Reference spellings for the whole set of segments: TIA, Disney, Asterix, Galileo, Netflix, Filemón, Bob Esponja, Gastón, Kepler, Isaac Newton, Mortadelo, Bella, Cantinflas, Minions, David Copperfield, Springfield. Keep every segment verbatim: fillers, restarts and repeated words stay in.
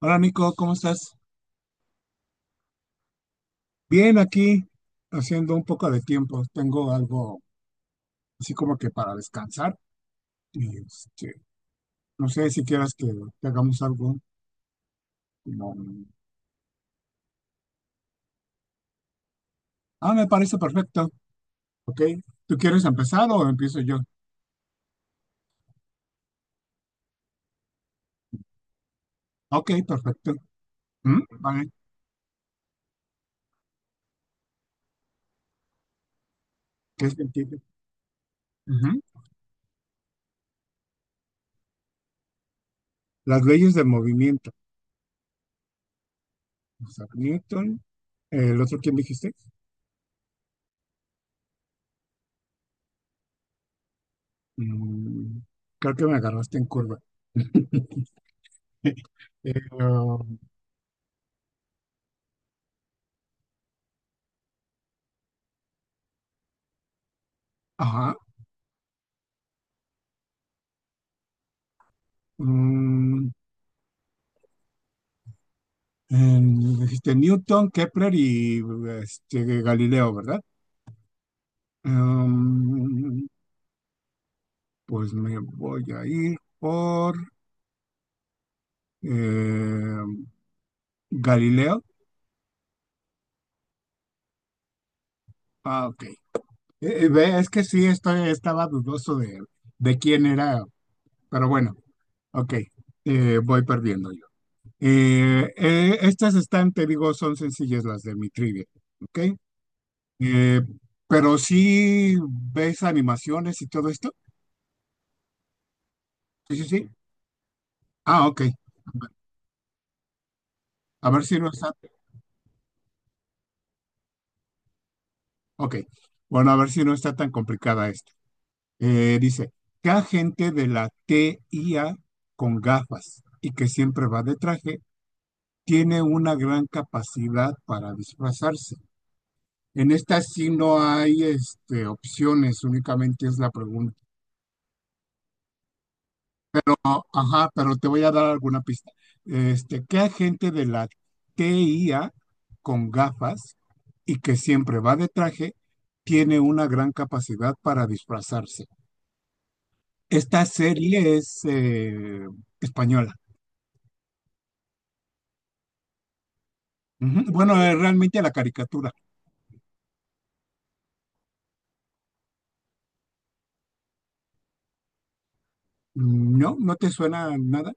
Hola Nico, ¿cómo estás? Bien, aquí haciendo un poco de tiempo. Tengo algo así como que para descansar. Y este, no sé si quieras que, que hagamos algo. como- Ah, me parece perfecto. Ok. ¿Tú quieres empezar o empiezo yo? Ok, perfecto. Mm, Vale, ¿qué es mentira? Ujú. Las leyes del movimiento. Isaac Newton. ¿El otro quién dijiste? Mm, Creo que me agarraste en curva. Eh, um, ajá. Mm, Em, dijiste Newton, Kepler y este, Galileo, ¿verdad? Em, pues me voy a ir por em, Galileo. Ah, ok. Eh, eh, ve, es que sí, estoy, estaba dudoso de, de quién era, pero bueno, ok. Eh, voy perdiendo yo. Eh, eh, estas están, te digo, son sencillas las de mi trivia, ¿ok? Eh, pero sí ves animaciones y todo esto. Sí, sí, sí. Ah, ok. A ver si no está. Ok. Bueno, a ver si no está tan complicada esta. Eh, dice, ¿qué agente de la T I A con gafas y que siempre va de traje tiene una gran capacidad para disfrazarse? En esta sí no hay este, opciones, únicamente es la pregunta. No, ajá, pero te voy a dar alguna pista. Este, ¿qué agente de la T I A con gafas y que siempre va de traje tiene una gran capacidad para disfrazarse? Esta serie es eh, española. Ujú. Bueno, es realmente la caricatura. No, no te suena nada.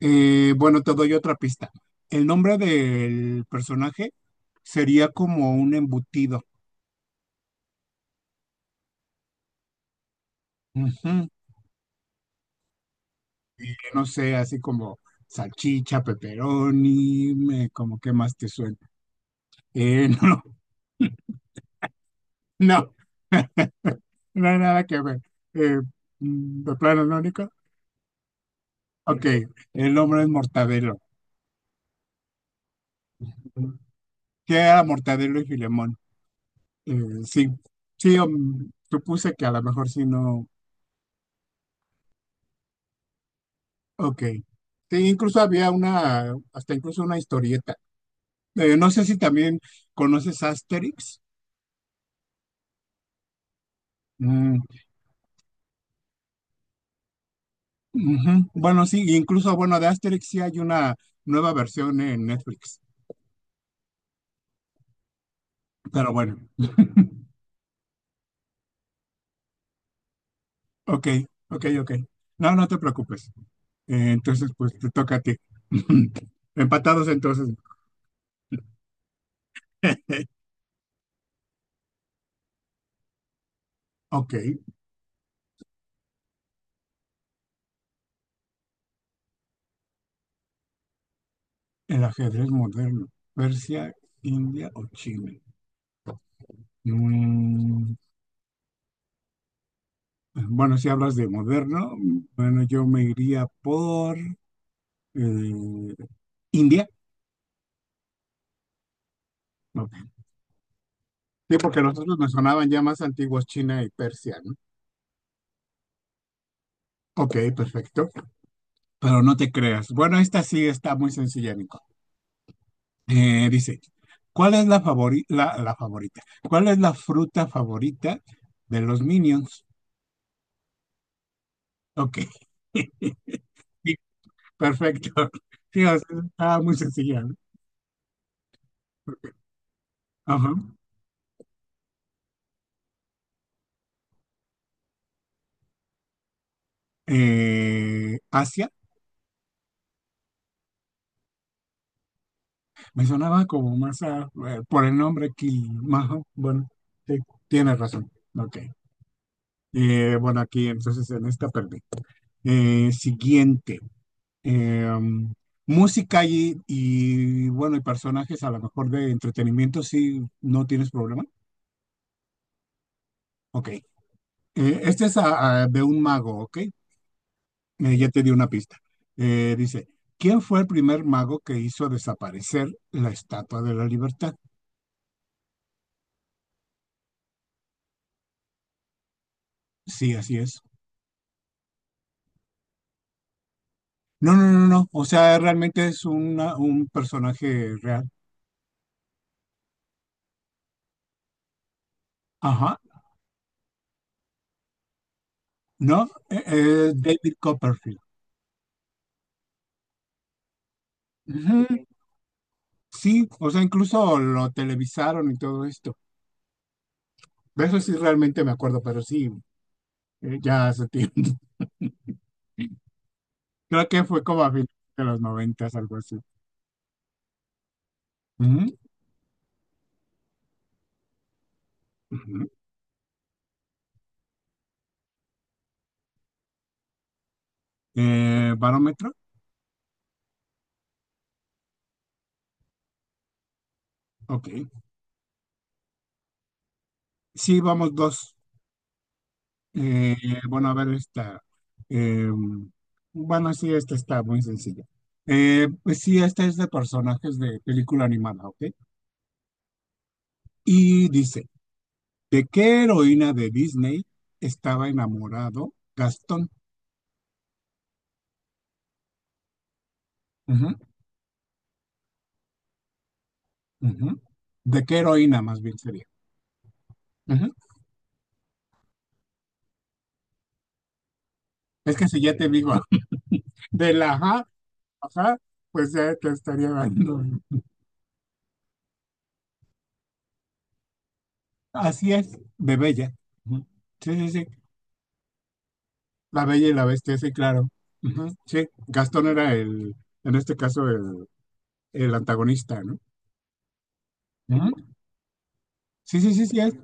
Eh, bueno, te doy otra pista. El nombre del personaje sería como un embutido. Ujú. Y no sé, así como salchicha, pepperoni, me- como qué más te suena. Eh, no, no, no hay nada que ver. Eh, mm, de plano, ¿no, Nico? Ok, el nombre es Mortadelo. Que era Mortadelo y Filemón. Eh, sí, sí, um, supuse que a lo mejor sí no. Ok. Sí, incluso había una, hasta incluso una historieta. Eh, no sé si también conoces Asterix. Mm, ujú. Bueno, sí, incluso, bueno, de Asterix sí hay una nueva versión en Netflix. Pero bueno, ok, ok, ok. No, no te preocupes. Eh, entonces, pues te toca a ti. Empatados entonces. Ok. El ajedrez moderno, Persia, India o China. Mm, bueno, si hablas de moderno, bueno, yo me iría por eh, India. ¿No? Sí, porque los otros me sonaban ya más antiguos, China y Persia, ¿no? Ok, perfecto. Pero no te creas. Bueno, esta sí está muy sencilla, Nico. Eh, dice, ¿cuál es la favori- la, la favorita? ¿Cuál es la fruta favorita de los Minions? Ok. Perfecto. Sí, o sea, estaba muy sencilla. ¿No? Ajá. Eh, Asia, me sonaba como más a- eh, por el nombre aquí. Ajá, bueno, sí, tienes razón. Ok. Eh, bueno, aquí entonces en esta perdí. Eh, siguiente. Eh, música y, y, bueno, y personajes a lo mejor de entretenimiento, si no tienes problema. Ok. Eh, este es a- a- de un mago, ¿ok? Eh, ya te di una pista. Eh, dice, ¿quién fue el primer mago que hizo desaparecer la Estatua de la Libertad? Sí, así es. No, no, no, no. O sea, realmente es una- un personaje real. Ajá. ¿No? Eh, eh, David Copperfield. Ujú. Sí, o sea, incluso lo televisaron y todo esto. De eso sí realmente me acuerdo, pero sí, eh, ya hace tiempo. Creo que fue como a finales de los noventas, algo así. Ujú, ujú. Eh, ¿barómetro? Ok. Sí, vamos dos. Eh, bueno, a ver esta. Eh, bueno, sí, esta está muy sencilla. Eh, pues sí, esta es de personajes de película animada, ¿ok? Y dice, ¿de qué heroína de Disney estaba enamorado Gastón? Ujú, ujú. ¿De qué heroína más bien sería? Ujú. Es que si ya te digo, de la ajá, ajá, pues ya te estaría dando. Así es, de Bella. Ujú. Sí, sí, sí. La Bella y la Bestia, sí, claro. Ujú, sí, Gastón era el, en este caso, el, el antagonista, ¿no? Ujú. Sí, sí, sí, sí, es.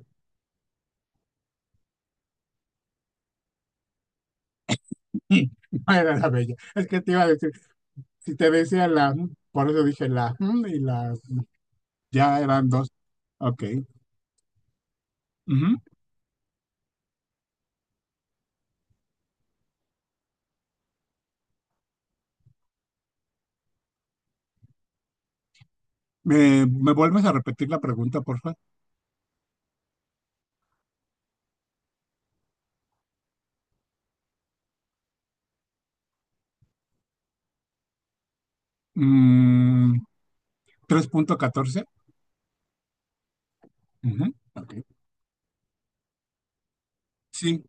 No era la Bella. Es que te iba a decir, si te decía la, por eso dije la, mm, y las, ya eran dos. Ok. Ujú. ¿Me, me vuelves a repetir la pregunta, porfa? Mm, tres punto catorce. Ujú, ok. Sí,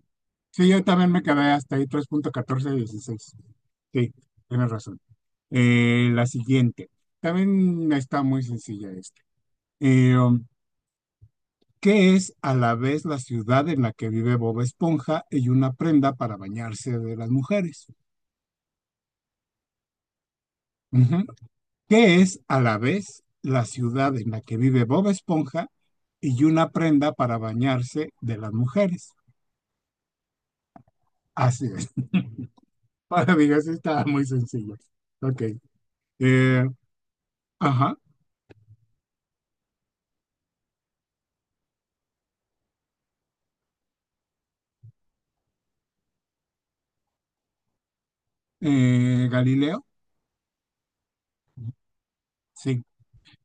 sí, yo también me quedé hasta ahí, tres punto catorce dieciséis. Sí, tienes razón. Eh, la siguiente, también está muy sencilla esta. Eh, um, ¿qué es a la vez la ciudad en la que vive Bob Esponja y una prenda para bañarse de las mujeres? Ujú. ¿Qué es a la vez la ciudad en la que vive Bob Esponja y una prenda para bañarse de las mujeres? Así es. Para mí, así está muy sencilla. Ok. Eh, ajá. Eh, Galileo. Sí.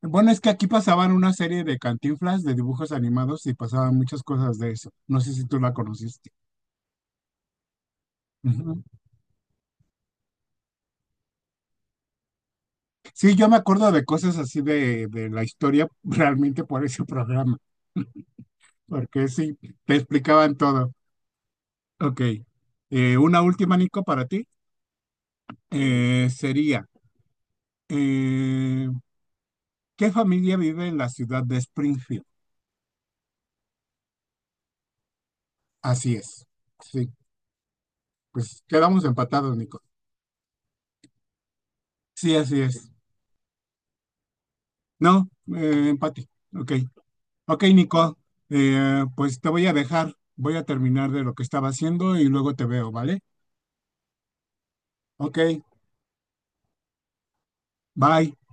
Bueno, es que aquí pasaban una serie de Cantinflas de dibujos animados y pasaban muchas cosas de eso. No sé si tú la conociste. Ujú. Sí, yo me acuerdo de cosas así de, de la historia realmente por ese programa, porque sí, te explicaban todo. Ok, eh, una última, Nico, para ti eh, sería, eh, ¿qué familia vive en la ciudad de Springfield? Así es. Sí, pues quedamos empatados, Nico. Sí, así es. No, eh, empate. Ok. Ok, Nico, eh, pues te voy a dejar, voy a terminar de lo que estaba haciendo y luego te veo, ¿vale? Ok, bye.